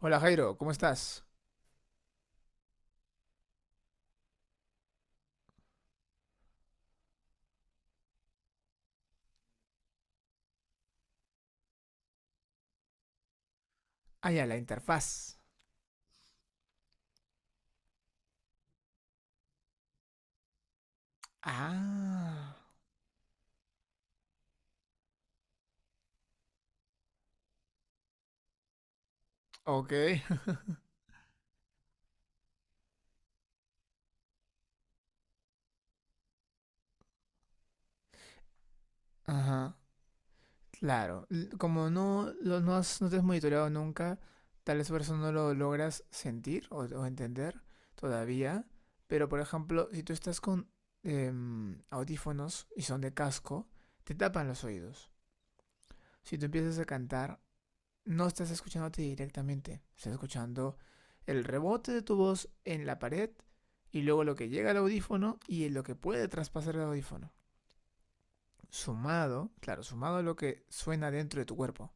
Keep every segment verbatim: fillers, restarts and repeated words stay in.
Hola, Jairo, ¿cómo estás? Ah, ya, la interfaz. Ah, ok. Ajá, claro. L- Como no, lo- no, has- No te has monitoreado nunca, tal vez por eso no lo logras sentir o, o entender todavía. Pero por ejemplo, si tú estás con em, audífonos y son de casco, te tapan los oídos. Si tú empiezas a cantar, no estás escuchándote directamente, estás escuchando el rebote de tu voz en la pared y luego lo que llega al audífono y lo que puede traspasar el audífono. Sumado, claro, sumado a lo que suena dentro de tu cuerpo.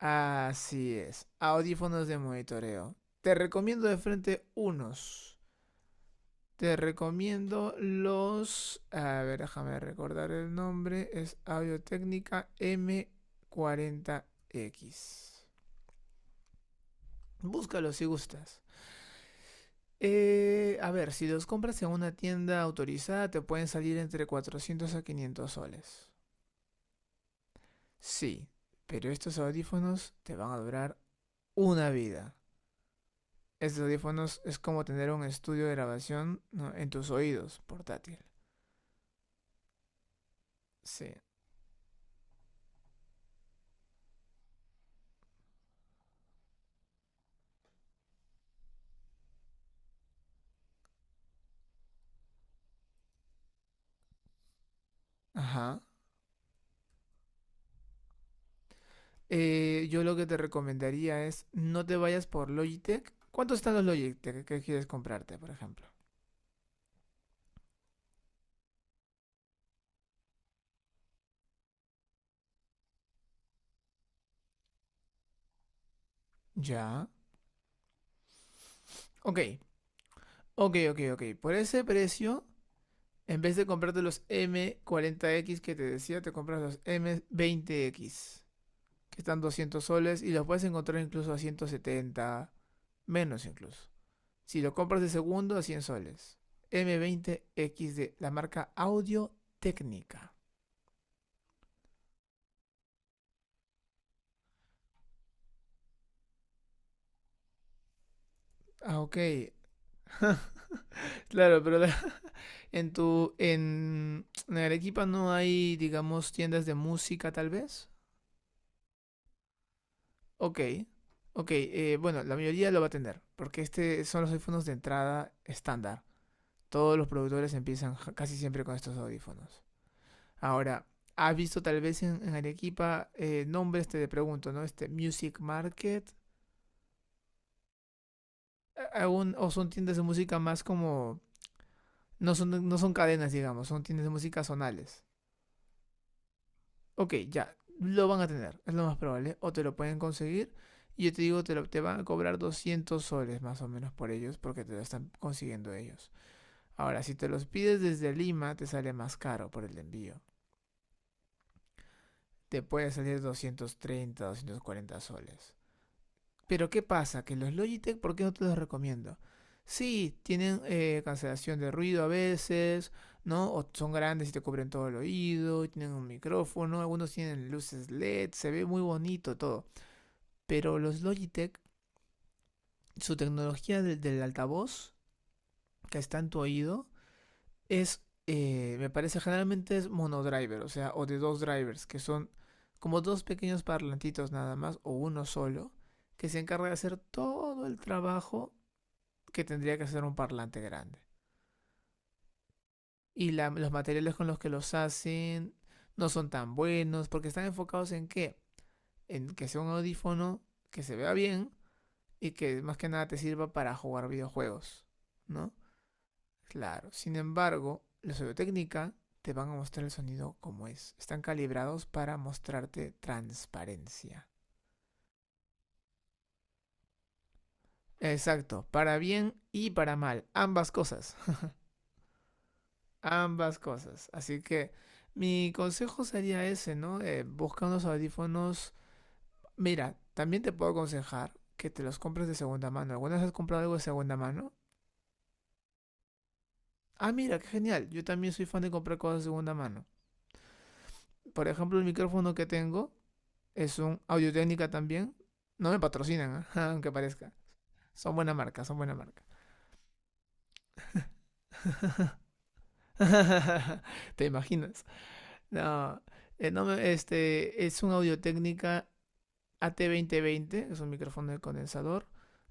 Así es, audífonos de monitoreo. Te recomiendo de frente unos. Te recomiendo los... A ver, déjame recordar el nombre. Es Audio Técnica m cuarenta x. Búscalo si gustas. Eh, a ver, si los compras en una tienda autorizada te pueden salir entre cuatrocientos a quinientos soles. Sí, pero estos audífonos te van a durar una vida. Estos audífonos es como tener un estudio de grabación, ¿no?, en tus oídos, portátil. Sí. Ajá. Eh, yo lo que te recomendaría es no te vayas por Logitech. ¿Cuántos están los Logitech que quieres comprarte, por ejemplo? Ya. Ok, ok, ok, ok. Por ese precio, en vez de comprarte los m cuarenta x que te decía, te compras los m veinte x que están doscientos soles y los puedes encontrar incluso a ciento setenta, menos incluso. Si lo compras de segundo, a cien soles. M veinte x de la marca Audio Técnica. Ah, ok. Claro, pero en tu en, en Arequipa no hay, digamos, tiendas de música tal vez. Ok. Ok, eh, bueno, la mayoría lo va a tener, porque este son los audífonos de entrada estándar. Todos los productores empiezan ja- casi siempre con estos audífonos. Ahora, ¿has visto tal vez en, en Arequipa eh, nombres, te pregunto, ¿no? Este Music Market, a- aún- o son tiendas de música más como... No son, no son cadenas, digamos, son tiendas de música zonales. Ok, ya, lo van a tener, es lo más probable, o te lo pueden conseguir. Y yo te digo, te, lo- te van a cobrar doscientos soles más o menos por ellos porque te lo están consiguiendo ellos. Ahora, si te los pides desde Lima, te sale más caro por el envío. Te puede salir doscientos treinta, doscientos cuarenta soles. Pero ¿qué pasa? Que los Logitech, ¿por qué no te los recomiendo? Sí, tienen eh, cancelación de ruido a veces, ¿no? O son grandes y te cubren todo el oído, tienen un micrófono, algunos tienen luces L E D, se ve muy bonito todo. Pero los Logitech, su tecnología del, del altavoz que está en tu oído, es, eh, me parece, generalmente es monodriver, o sea, o de dos drivers, que son como dos pequeños parlantitos nada más, o uno solo, que se encarga de hacer todo el trabajo que tendría que hacer un parlante grande. Y la, los materiales con los que los hacen no son tan buenos, porque están enfocados en ¿qué? En que sea un audífono que se vea bien y que más que nada te sirva para jugar videojuegos, ¿no? Claro, sin embargo, los Audiotécnica te van a mostrar el sonido como es. Están calibrados para mostrarte transparencia. Exacto, para bien y para mal, ambas cosas, ambas cosas. Así que mi consejo sería ese, ¿no? Eh, busca unos audífonos. Mira, también te puedo aconsejar que te los compres de segunda mano. ¿Alguna vez has comprado algo de segunda mano? Ah, mira, qué genial. Yo también soy fan de comprar cosas de segunda mano. Por ejemplo, el micrófono que tengo es un audio técnica también. No me patrocinan, ¿ah? aunque parezca. Son buena marca, son buena marca. ¿Te imaginas? No, eh, no este es un audio técnica A T veinte veinte, es un micrófono de condensador.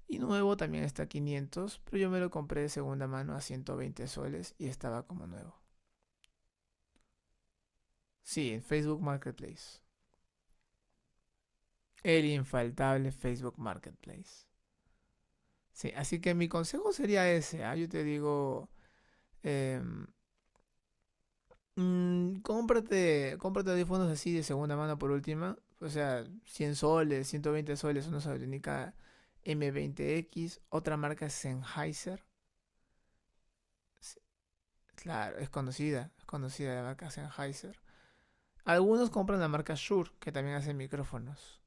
Y nuevo también está a quinientos, pero yo me lo compré de segunda mano a ciento veinte soles y estaba como nuevo. Sí, en Facebook Marketplace. El infaltable Facebook Marketplace. Sí, así que mi consejo sería ese, ¿ah? Yo te digo, em, Mm, cómprate, cómprate audífonos así de segunda mano por última. O sea, cien soles, ciento veinte soles, una Sony m veinte x. Otra marca es Sennheiser. Sí, claro, es conocida, es conocida la marca Sennheiser. Algunos compran la marca Shure, que también hace micrófonos.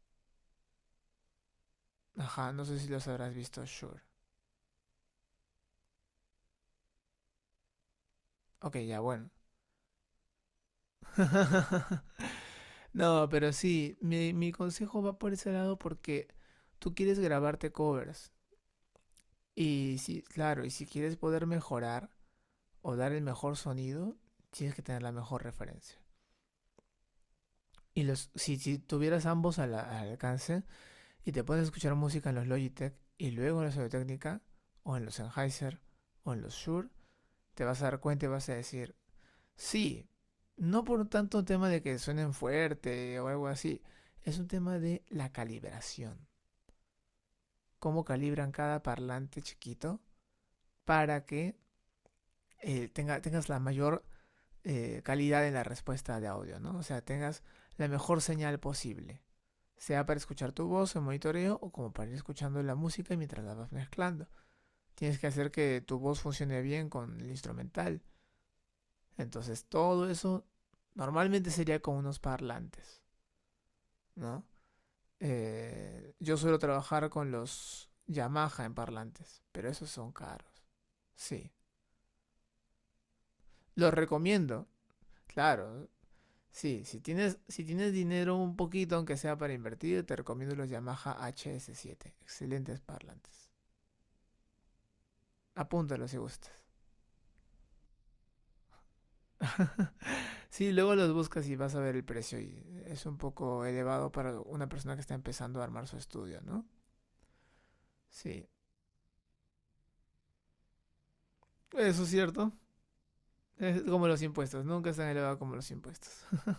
Ajá, no sé si los habrás visto, Shure. Ok, ya, bueno. No, pero sí, mi, mi consejo va por ese lado porque tú quieres grabarte covers. Y sí, claro, y si quieres poder mejorar, o dar el mejor sonido, tienes que tener la mejor referencia. Y los, si, si tuvieras ambos al, al alcance y te puedes escuchar música en los Logitech y luego en los audio Technica o en los Sennheiser, o en los Shure, te vas a dar cuenta y vas a decir, sí, no por tanto un tema de que suenen fuerte o algo así, es un tema de la calibración. Cómo calibran cada parlante chiquito para que eh, tenga, tengas la mayor eh, calidad en la respuesta de audio, ¿no? O sea, tengas la mejor señal posible, sea para escuchar tu voz en monitoreo o como para ir escuchando la música mientras la vas mezclando. Tienes que hacer que tu voz funcione bien con el instrumental. Entonces, todo eso normalmente sería con unos parlantes, ¿no? Eh, yo suelo trabajar con los Yamaha en parlantes, pero esos son caros. Sí, los recomiendo, claro. Sí, si tienes, si tienes dinero un poquito, aunque sea para invertir, te recomiendo los Yamaha H S siete. Excelentes parlantes. Apúntalos si gustas. Sí, luego los buscas y vas a ver el precio y es un poco elevado para una persona que está empezando a armar su estudio, ¿no? Sí, eso es cierto. Es como los impuestos, nunca es tan elevado como los impuestos.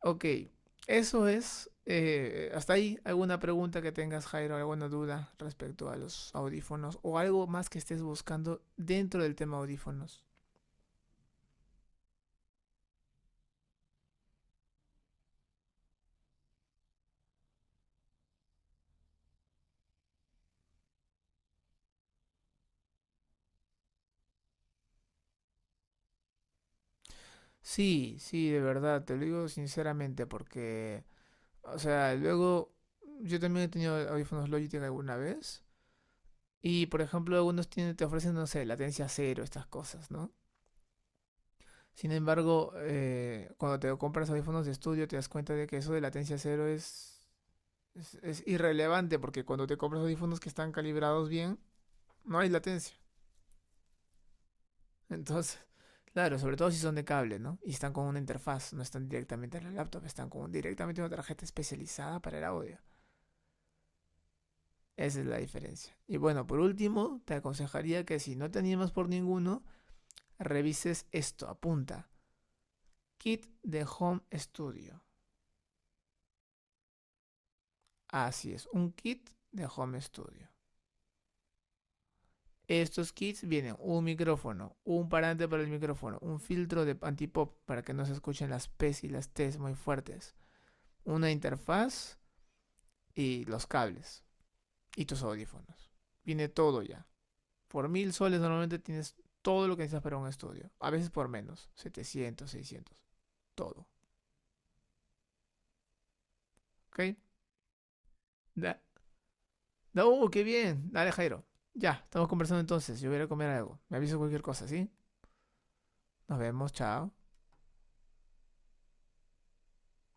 Ok, eso es. Eh, hasta ahí, ¿alguna pregunta que tengas, Jairo? ¿Alguna duda respecto a los audífonos? ¿O algo más que estés buscando dentro del tema audífonos? Sí, sí, de verdad, te lo digo sinceramente porque, o sea, luego yo también he tenido audífonos Logitech alguna vez y, por ejemplo, algunos tienen- te ofrecen, no sé, latencia cero, estas cosas, ¿no? Sin embargo, eh, cuando te compras audífonos de estudio te das cuenta de que eso de latencia cero es, es, es irrelevante porque cuando te compras audífonos que están calibrados bien, no hay latencia. Entonces, claro, sobre todo si son de cable, ¿no? Y están con una interfaz, no están directamente en la laptop, están con directamente una tarjeta especializada para el audio. Esa es la diferencia. Y bueno, por último, te aconsejaría que si no te animas por ninguno, revises esto, apunta. Kit de Home Studio. Así es, un kit de Home Studio. Estos kits vienen un micrófono, un parante para el micrófono, un filtro de antipop para que no se escuchen las P's y las T's muy fuertes, una interfaz y los cables y tus audífonos. Viene todo ya. Por mil soles normalmente tienes todo lo que necesitas para un estudio. A veces por menos. Setecientos, seiscientos. Todo. ¿Ok? Da, da, ¡Uh, qué bien! Dale, Jairo. Ya, estamos conversando entonces. Yo voy a ir a comer algo. Me aviso cualquier cosa, ¿sí? Nos vemos. Chao.